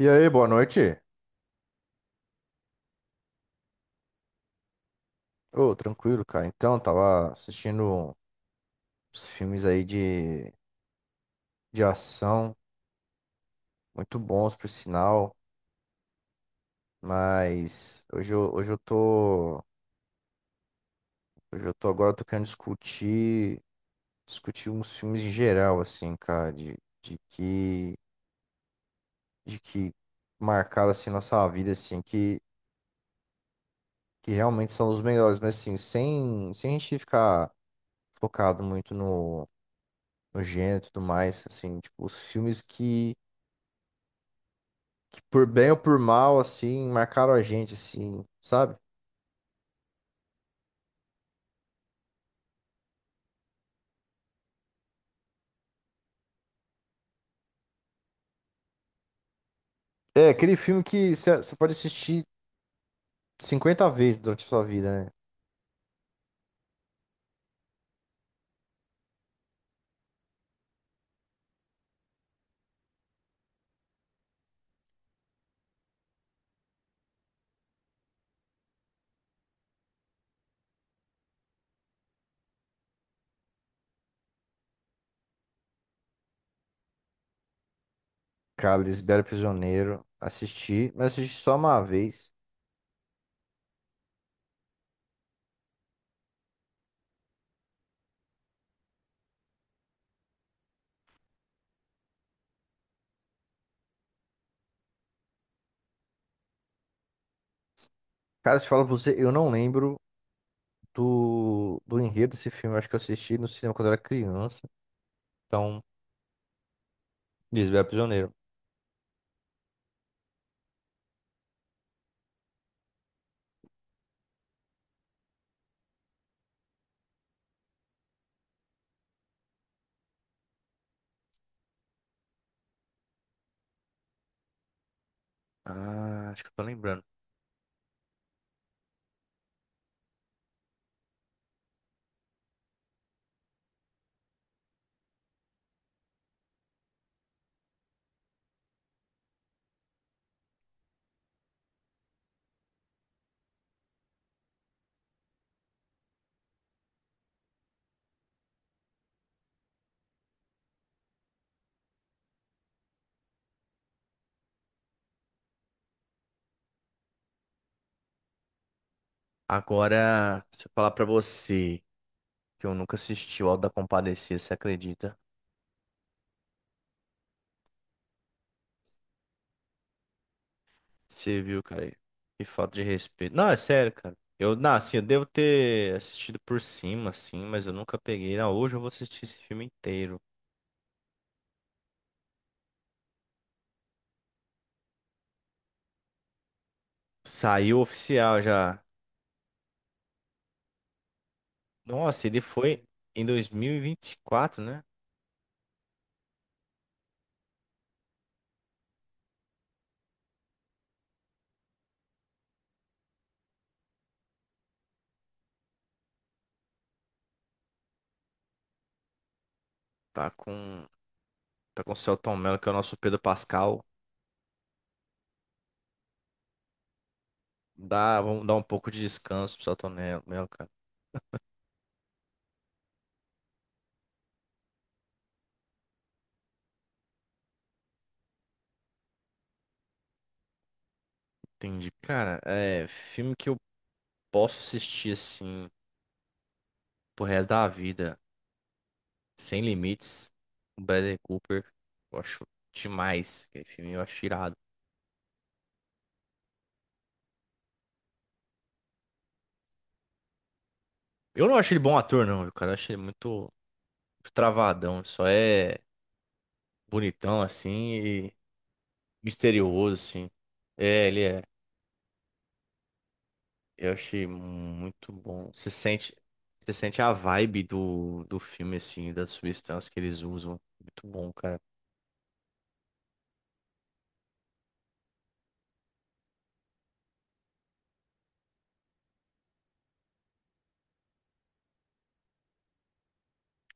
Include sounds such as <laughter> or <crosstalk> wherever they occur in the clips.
E aí, boa noite. Ô, tranquilo, cara. Então, tava assistindo uns filmes aí de ação, muito bons, por sinal, mas hoje eu tô agora, eu tô querendo discutir uns filmes em geral, assim, cara, de que, de que marcaram, assim, nossa vida, assim, que realmente são os melhores, mas, assim, sem a gente ficar focado muito no gênero e tudo mais, assim, tipo, os filmes que por bem ou por mal, assim, marcaram a gente, assim, sabe? É aquele filme que você pode assistir 50 vezes durante a sua vida, né? Cara, Lisbela e o Prisioneiro, assisti, mas assisti só uma vez. Cara, se eu falo pra você, eu não lembro do enredo desse filme. Eu acho que eu assisti no cinema quando eu era criança. Então, Lisbela e o Prisioneiro. Ah, acho que eu tô lembrando. Agora, se eu falar pra você que eu nunca assisti o Auto da Compadecida, você acredita? Você viu, cara? Que falta de respeito. Não, é sério, cara. Eu, não, assim, eu devo ter assistido por cima, assim, mas eu nunca peguei. Não, hoje eu vou assistir esse filme inteiro. Saiu oficial já. Nossa, ele foi em dois mil e vinte e quatro, né? Tá com, tá com o Selton Mello, que é o nosso Pedro Pascal. Dá, vamos dar um pouco de descanso pro Mello, cara. Entendi. Cara, é filme que eu posso assistir, assim, pro resto da vida. Sem Limites, o Bradley Cooper, eu acho demais. Aquele filme eu acho irado. Eu não acho ele bom ator, não, viu, cara. Eu acho ele muito travadão. Ele só é bonitão, assim, e misterioso, assim. É, ele é. Eu achei muito bom. Você sente a vibe do filme, assim, das substâncias que eles usam. Muito bom, cara.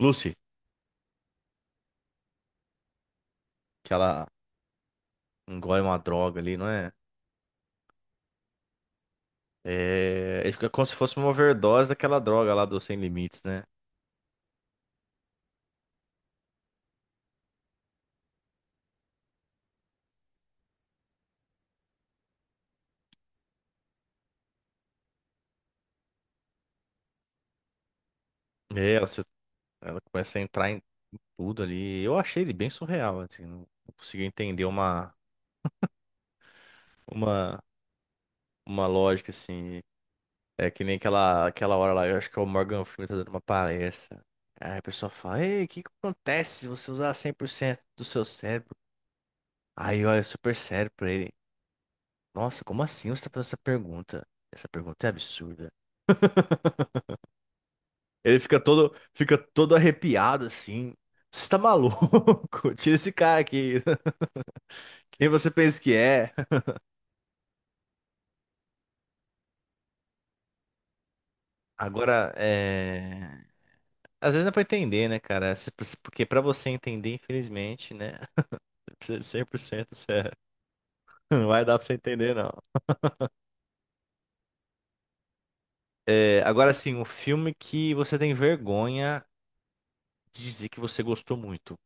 Lucy, que ela engole uma droga ali, não é? É, é como se fosse uma overdose daquela droga lá do Sem Limites, né? É, ela Ela começa a entrar em tudo ali. Eu achei ele bem surreal, assim, não consegui entender uma, uma lógica, assim. É que nem aquela hora lá, eu acho que é o Morgan Freeman tá dando uma palestra. Aí a pessoa fala, ei, o que que acontece se você usar 100% do seu cérebro? Aí olha super sério pra ele. Nossa, como assim você tá fazendo essa pergunta? Essa pergunta é absurda. Ele fica todo arrepiado, assim. Você tá maluco? <laughs> Tira esse cara aqui. <laughs> Quem você pensa que é? Agora, é... às vezes dá pra entender, né, cara? Se- Porque pra você entender, infelizmente, né? <laughs> Precisa de 100% sério. <laughs> Não vai dar pra você entender, não. É, agora, assim, um filme que você tem vergonha de dizer que você gostou muito.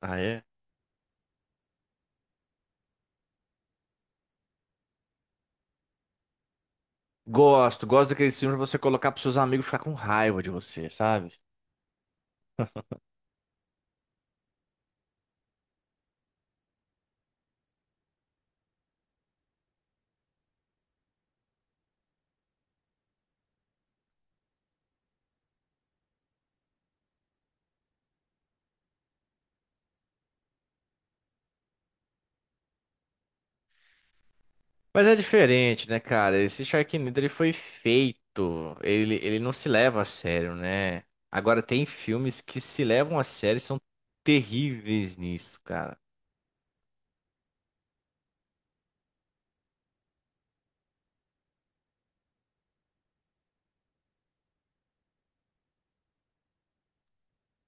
Ah, é? Gosto, gosto daqueles filmes pra você colocar pros seus amigos ficar com raiva de você, sabe? Mas é diferente, né, cara? Esse Sharknado ele foi feito, ele não se leva a sério, né? Agora tem filmes que se levam a sério e são terríveis nisso, cara.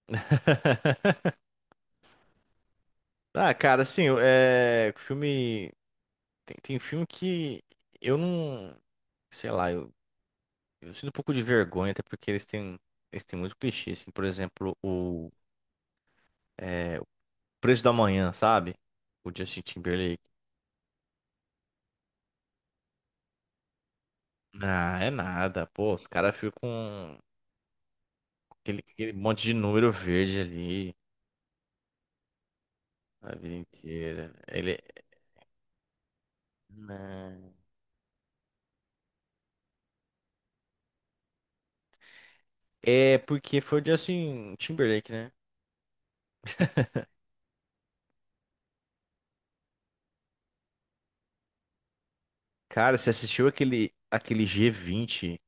<laughs> Ah, cara, assim, eu- é, filme tem filme que eu não, sei lá, eu sinto um pouco de vergonha, até porque eles têm muito clichê, assim, por exemplo, o é, Preço da Manhã, sabe? O Justin Timberlake. Ah, é nada, pô, os caras ficam aquele monte de número verde ali a vida inteira. Ele. Não. É porque foi o Justin Timberlake, né? Cara, você assistiu aquele G20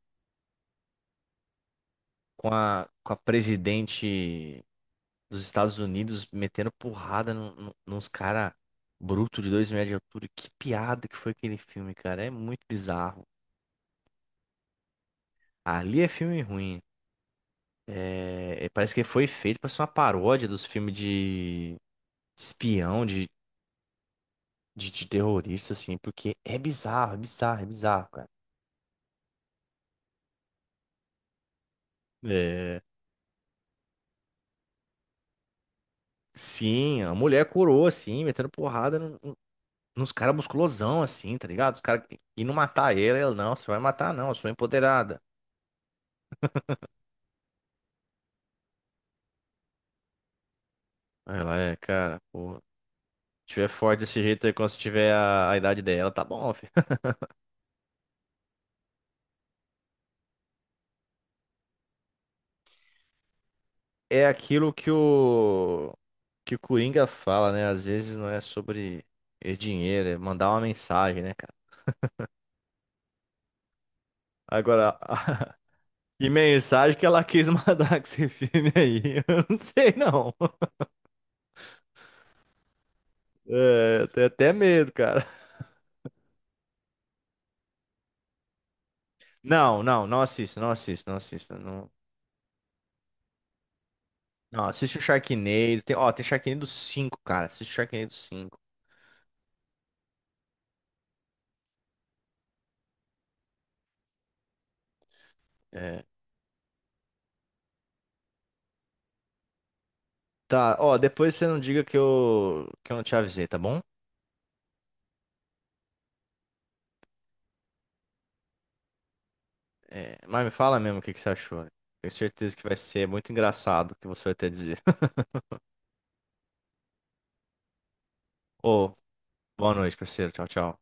com a presidente dos Estados Unidos metendo porrada nos cara bruto de 2 metros de altura? Que piada que foi aquele filme, cara. É muito bizarro. Ali é filme ruim. É, é, parece que foi feito para ser uma paródia dos filmes de espião, de terrorista, assim, porque é é bizarro, cara. É, sim, a mulher curou, assim, metendo porrada nos caras musculosão, assim, tá ligado? Os caras indo matar ele, ela, não, você vai matar, não, eu sou empoderada. Aí ela é, cara, pô, se tiver forte desse jeito aí, quando você tiver a idade dela, tá bom, filho. <laughs> É aquilo que o Coringa fala, né? Às vezes não é sobre dinheiro, é mandar uma mensagem, né, cara? Agora, <laughs> que mensagem que ela quis <laughs> mandar com esse filme aí? Eu não sei, não. É, eu tenho até medo, cara. Não, não assista, não assista. Não, não assiste o Sharknado. Tem, ó, tem Sharknado 5, cara. Assiste o Sharknado 5. É. Tá, ó, depois você não diga que eu não te avisei, tá bom? É, mas me fala mesmo que você achou. Tenho certeza que vai ser muito engraçado o que você vai ter a dizer. <laughs> Ô, boa noite, parceiro. Tchau, tchau.